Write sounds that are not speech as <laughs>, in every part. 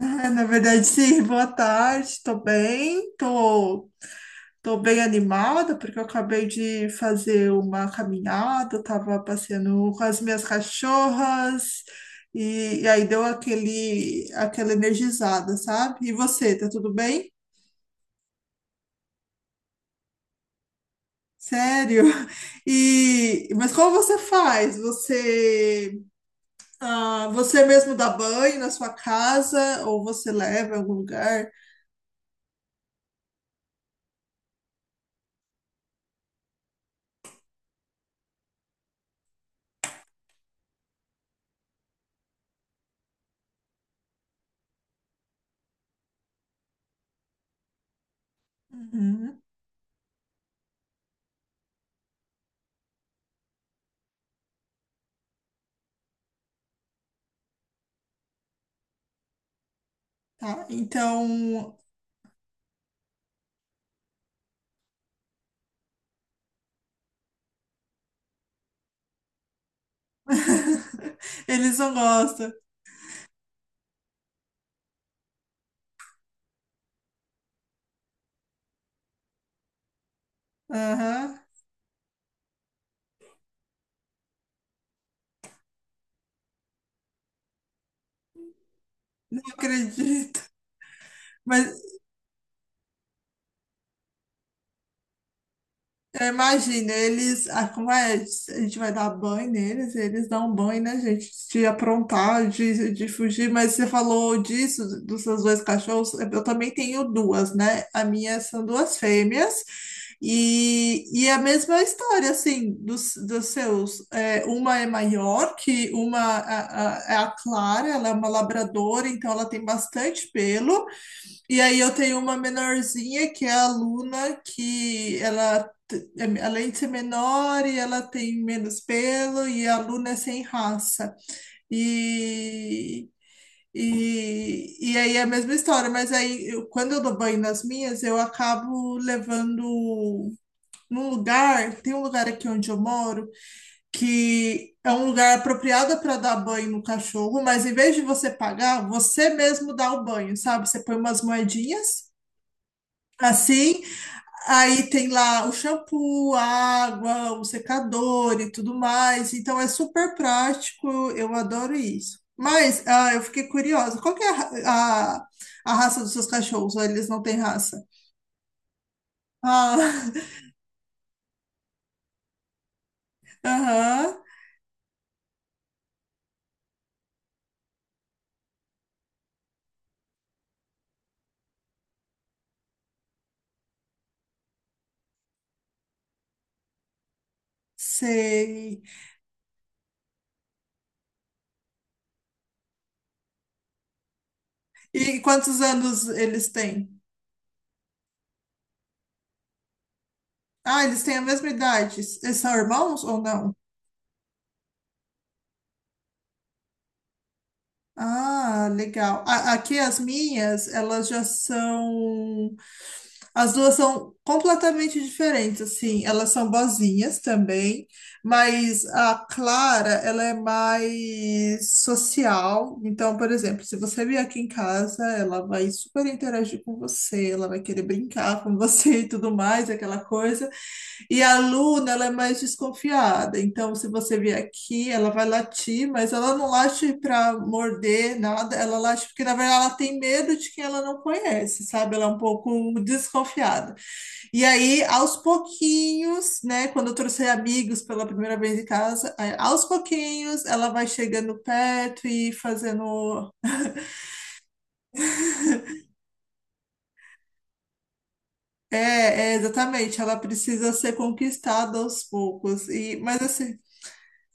Na verdade, sim, boa tarde, tô bem, tô bem animada, porque eu acabei de fazer uma caminhada, eu tava passeando com as minhas cachorras, e aí deu aquela energizada, sabe? E você, tá tudo bem? Sério? <laughs> Mas como você faz? Você mesmo dá banho na sua casa, ou você leva em algum lugar? Uhum, tá. Então, <laughs> eles não gostam. Aham, não acredito. Mas é, imagina, eles. Ah, como é? A gente vai dar banho neles, eles dão banho, né, gente? De aprontar, de fugir. Mas você falou disso, dos seus dois cachorros. Eu também tenho duas, né? A minha são duas fêmeas. E a mesma história, assim, dos seus. É, uma é maior, que é a Clara, ela é uma labradora, então ela tem bastante pelo. E aí eu tenho uma menorzinha que é a Luna, que além de ser menor, e ela tem menos pelo, e a Luna é sem raça. E, e aí é a mesma história, mas quando eu dou banho nas minhas, eu acabo levando num lugar, tem um lugar aqui onde eu moro, que é um lugar apropriado para dar banho no cachorro, mas em vez de você pagar, você mesmo dá o banho, sabe? Você põe umas moedinhas. Assim, aí tem lá o shampoo, a água, o secador e tudo mais. Então é super prático, eu adoro isso. Mas eu fiquei curiosa, qual que é a, a raça dos seus cachorros? Ou eles não têm raça? Ah, <laughs> aham, sei. E quantos anos eles têm? Ah, eles têm a mesma idade. Eles são irmãos ou não? Ah, legal. A- aqui as minhas, elas já são. As duas são completamente diferentes, assim. Elas são boazinhas também, mas a Clara, ela é mais social. Então, por exemplo, se você vier aqui em casa, ela vai super interagir com você, ela vai querer brincar com você <laughs> e tudo mais, aquela coisa. E a Luna, ela é mais desconfiada. Então, se você vier aqui, ela vai latir, mas ela não late para morder nada. Ela late porque, na verdade, ela tem medo de quem ela não conhece, sabe? Ela é um pouco desconfiada. E aí, aos pouquinhos, né? Quando eu trouxe amigos pela primeira vez em casa, aí, aos pouquinhos, ela vai chegando perto e fazendo. É, é, exatamente. Ela precisa ser conquistada aos poucos. E, mas assim.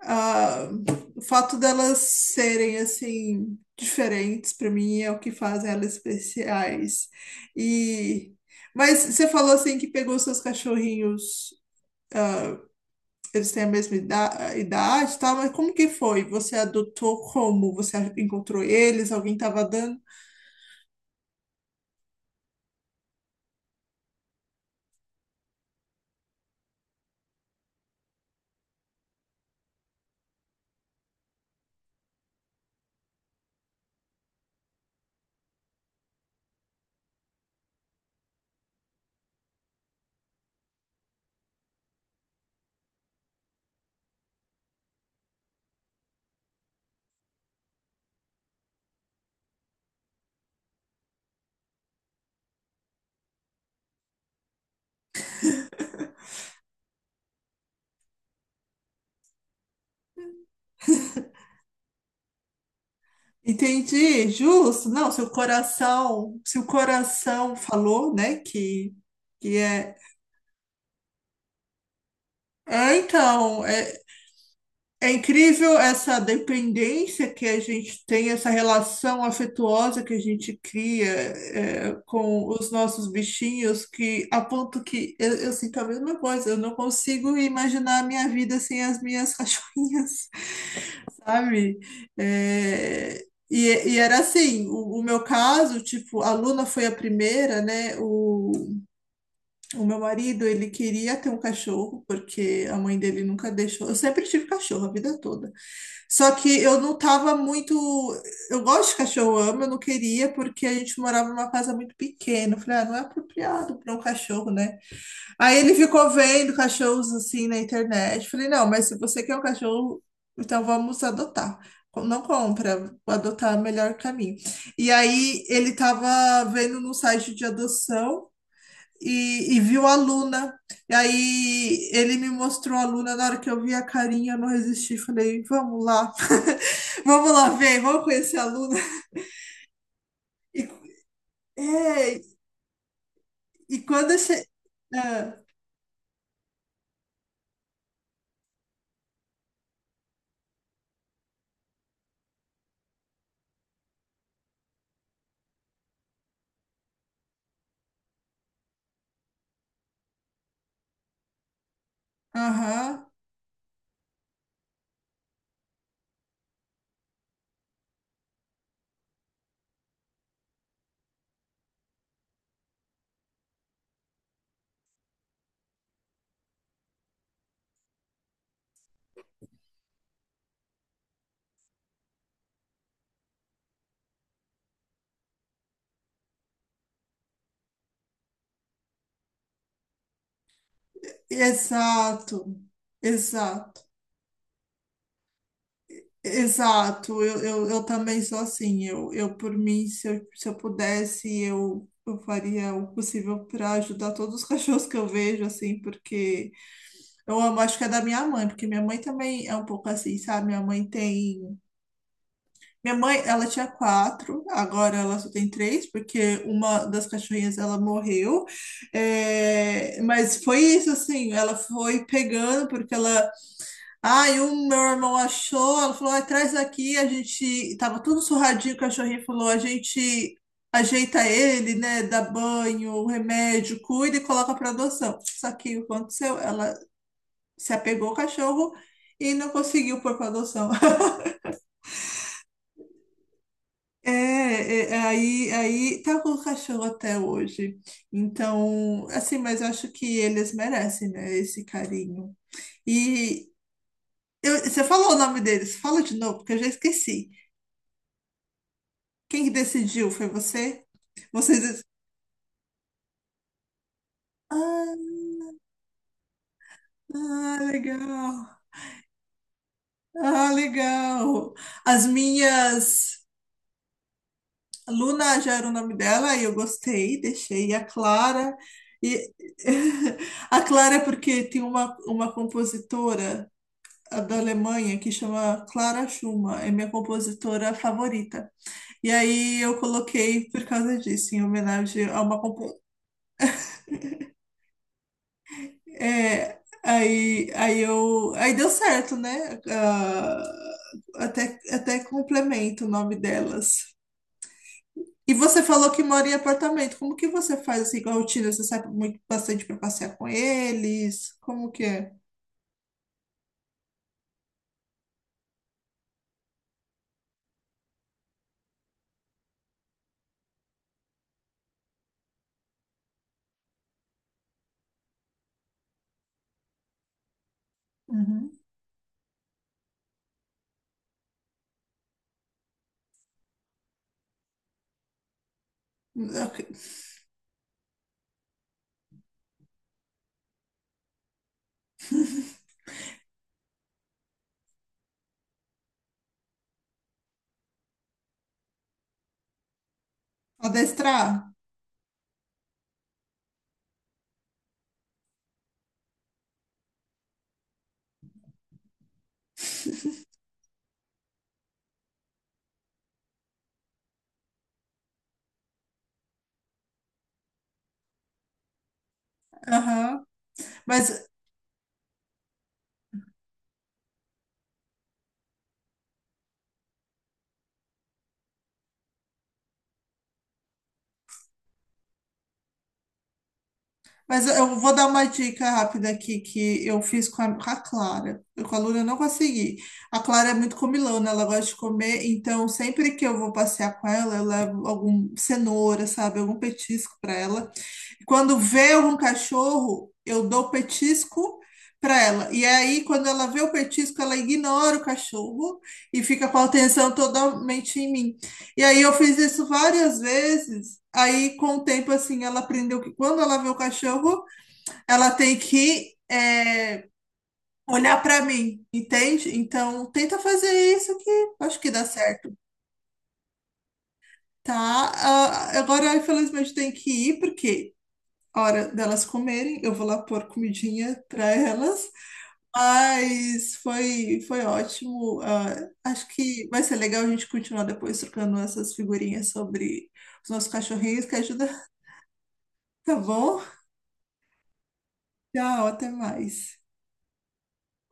Ah, o fato delas serem assim diferentes para mim é o que faz elas especiais. E mas você falou assim que pegou seus cachorrinhos, eles têm a idade, e tal, mas como que foi? Você adotou como? Você encontrou eles? Alguém estava dando? <laughs> Entendi, justo. Não, seu coração, se o coração falou, né, que é. É, então, é, é incrível essa dependência que a gente tem, essa relação afetuosa que a gente cria, é, com os nossos bichinhos, que a ponto que eu sinto a mesma coisa, eu não consigo imaginar a minha vida sem as minhas <laughs> cachorrinhas, sabe? É, e, e era assim, o meu caso, tipo, a Luna foi a primeira, né? O meu marido, ele queria ter um cachorro, porque a mãe dele nunca deixou. Eu sempre tive cachorro a vida toda. Só que eu não tava muito. Eu gosto de cachorro, eu amo, eu não queria, porque a gente morava numa casa muito pequena. Eu falei, ah, não é apropriado para um cachorro, né? Aí ele ficou vendo cachorros assim na internet. Eu falei, não, mas se você quer um cachorro, então vamos adotar. Com- Não compra, adotar é o melhor caminho. E aí ele tava vendo no site de adoção e viu a Luna. E aí ele me mostrou a Luna. Na hora que eu vi a carinha, eu não resisti. Falei, vamos lá, <laughs> vamos lá ver, vamos conhecer a Luna. E, é, e quando eu che... Ah, aham, exato, exato, exato. Eu também sou assim. Eu por mim, se se eu pudesse, eu faria o possível para ajudar todos os <laughs> cachorros que eu vejo, assim, porque. Eu amo, acho que é da minha mãe, porque minha mãe também é um pouco assim, sabe? Minha mãe tem. Minha mãe, ela tinha quatro, agora ela só tem três, porque uma das cachorrinhas ela morreu. É, mas foi isso, assim, ela foi pegando, porque ela. Ai, ah, um meu irmão achou, ela falou: "Ai, traz aqui, a gente. Tava tudo surradinho, o cachorrinho falou: a gente. Ajeita ele, né? Dá banho, remédio, cuida e coloca para adoção." Só que o que aconteceu? Ela se apegou ao cachorro e não conseguiu pôr para adoção. <laughs> É, é, aí, aí tá com o cachorro até hoje. Então, assim, mas eu acho que eles merecem, né, esse carinho. E você falou o nome deles, fala de novo, porque eu já esqueci. Quem que decidiu? Foi você? Vocês. Ah, ah, legal. Ah, legal. As minhas. Luna já era o nome dela e eu gostei, deixei. E a Clara. E... <laughs> A Clara, é porque tem uma compositora a da Alemanha que chama Clara Schumann, é minha compositora favorita. E aí eu coloquei por causa disso, em homenagem a uma. Compo- é, aí deu certo, né? Ah, até complemento o nome delas. E você falou que mora em apartamento. Como que você faz assim com a rotina? Você sai muito bastante para passear com eles? Como que é? Uhum. Ok. Adestrar? Aham. Mas Mas eu vou dar uma dica rápida aqui que eu fiz com a Clara. Eu com a Luna eu não consegui. A Clara é muito comilona, ela gosta de comer, então sempre que eu vou passear com ela, eu levo algum cenoura, sabe, algum petisco para ela. Quando vê um cachorro, eu dou petisco para ela. E é aí, quando ela vê o petisco, ela ignora o cachorro e fica com a atenção totalmente em mim. E aí eu fiz isso várias vezes. Aí, com o tempo, assim, ela aprendeu que quando ela vê o cachorro, ela tem olhar pra mim, entende? Então, tenta fazer isso que eu acho que dá certo, tá? Ah, agora, infelizmente, tem que ir, porque a hora delas comerem, eu vou lá pôr comidinha pra elas. Mas foi, foi ótimo. Ah, acho que vai ser legal a gente continuar depois trocando essas figurinhas sobre os nossos cachorrinhos que ajuda. Tá bom? Tchau, até mais.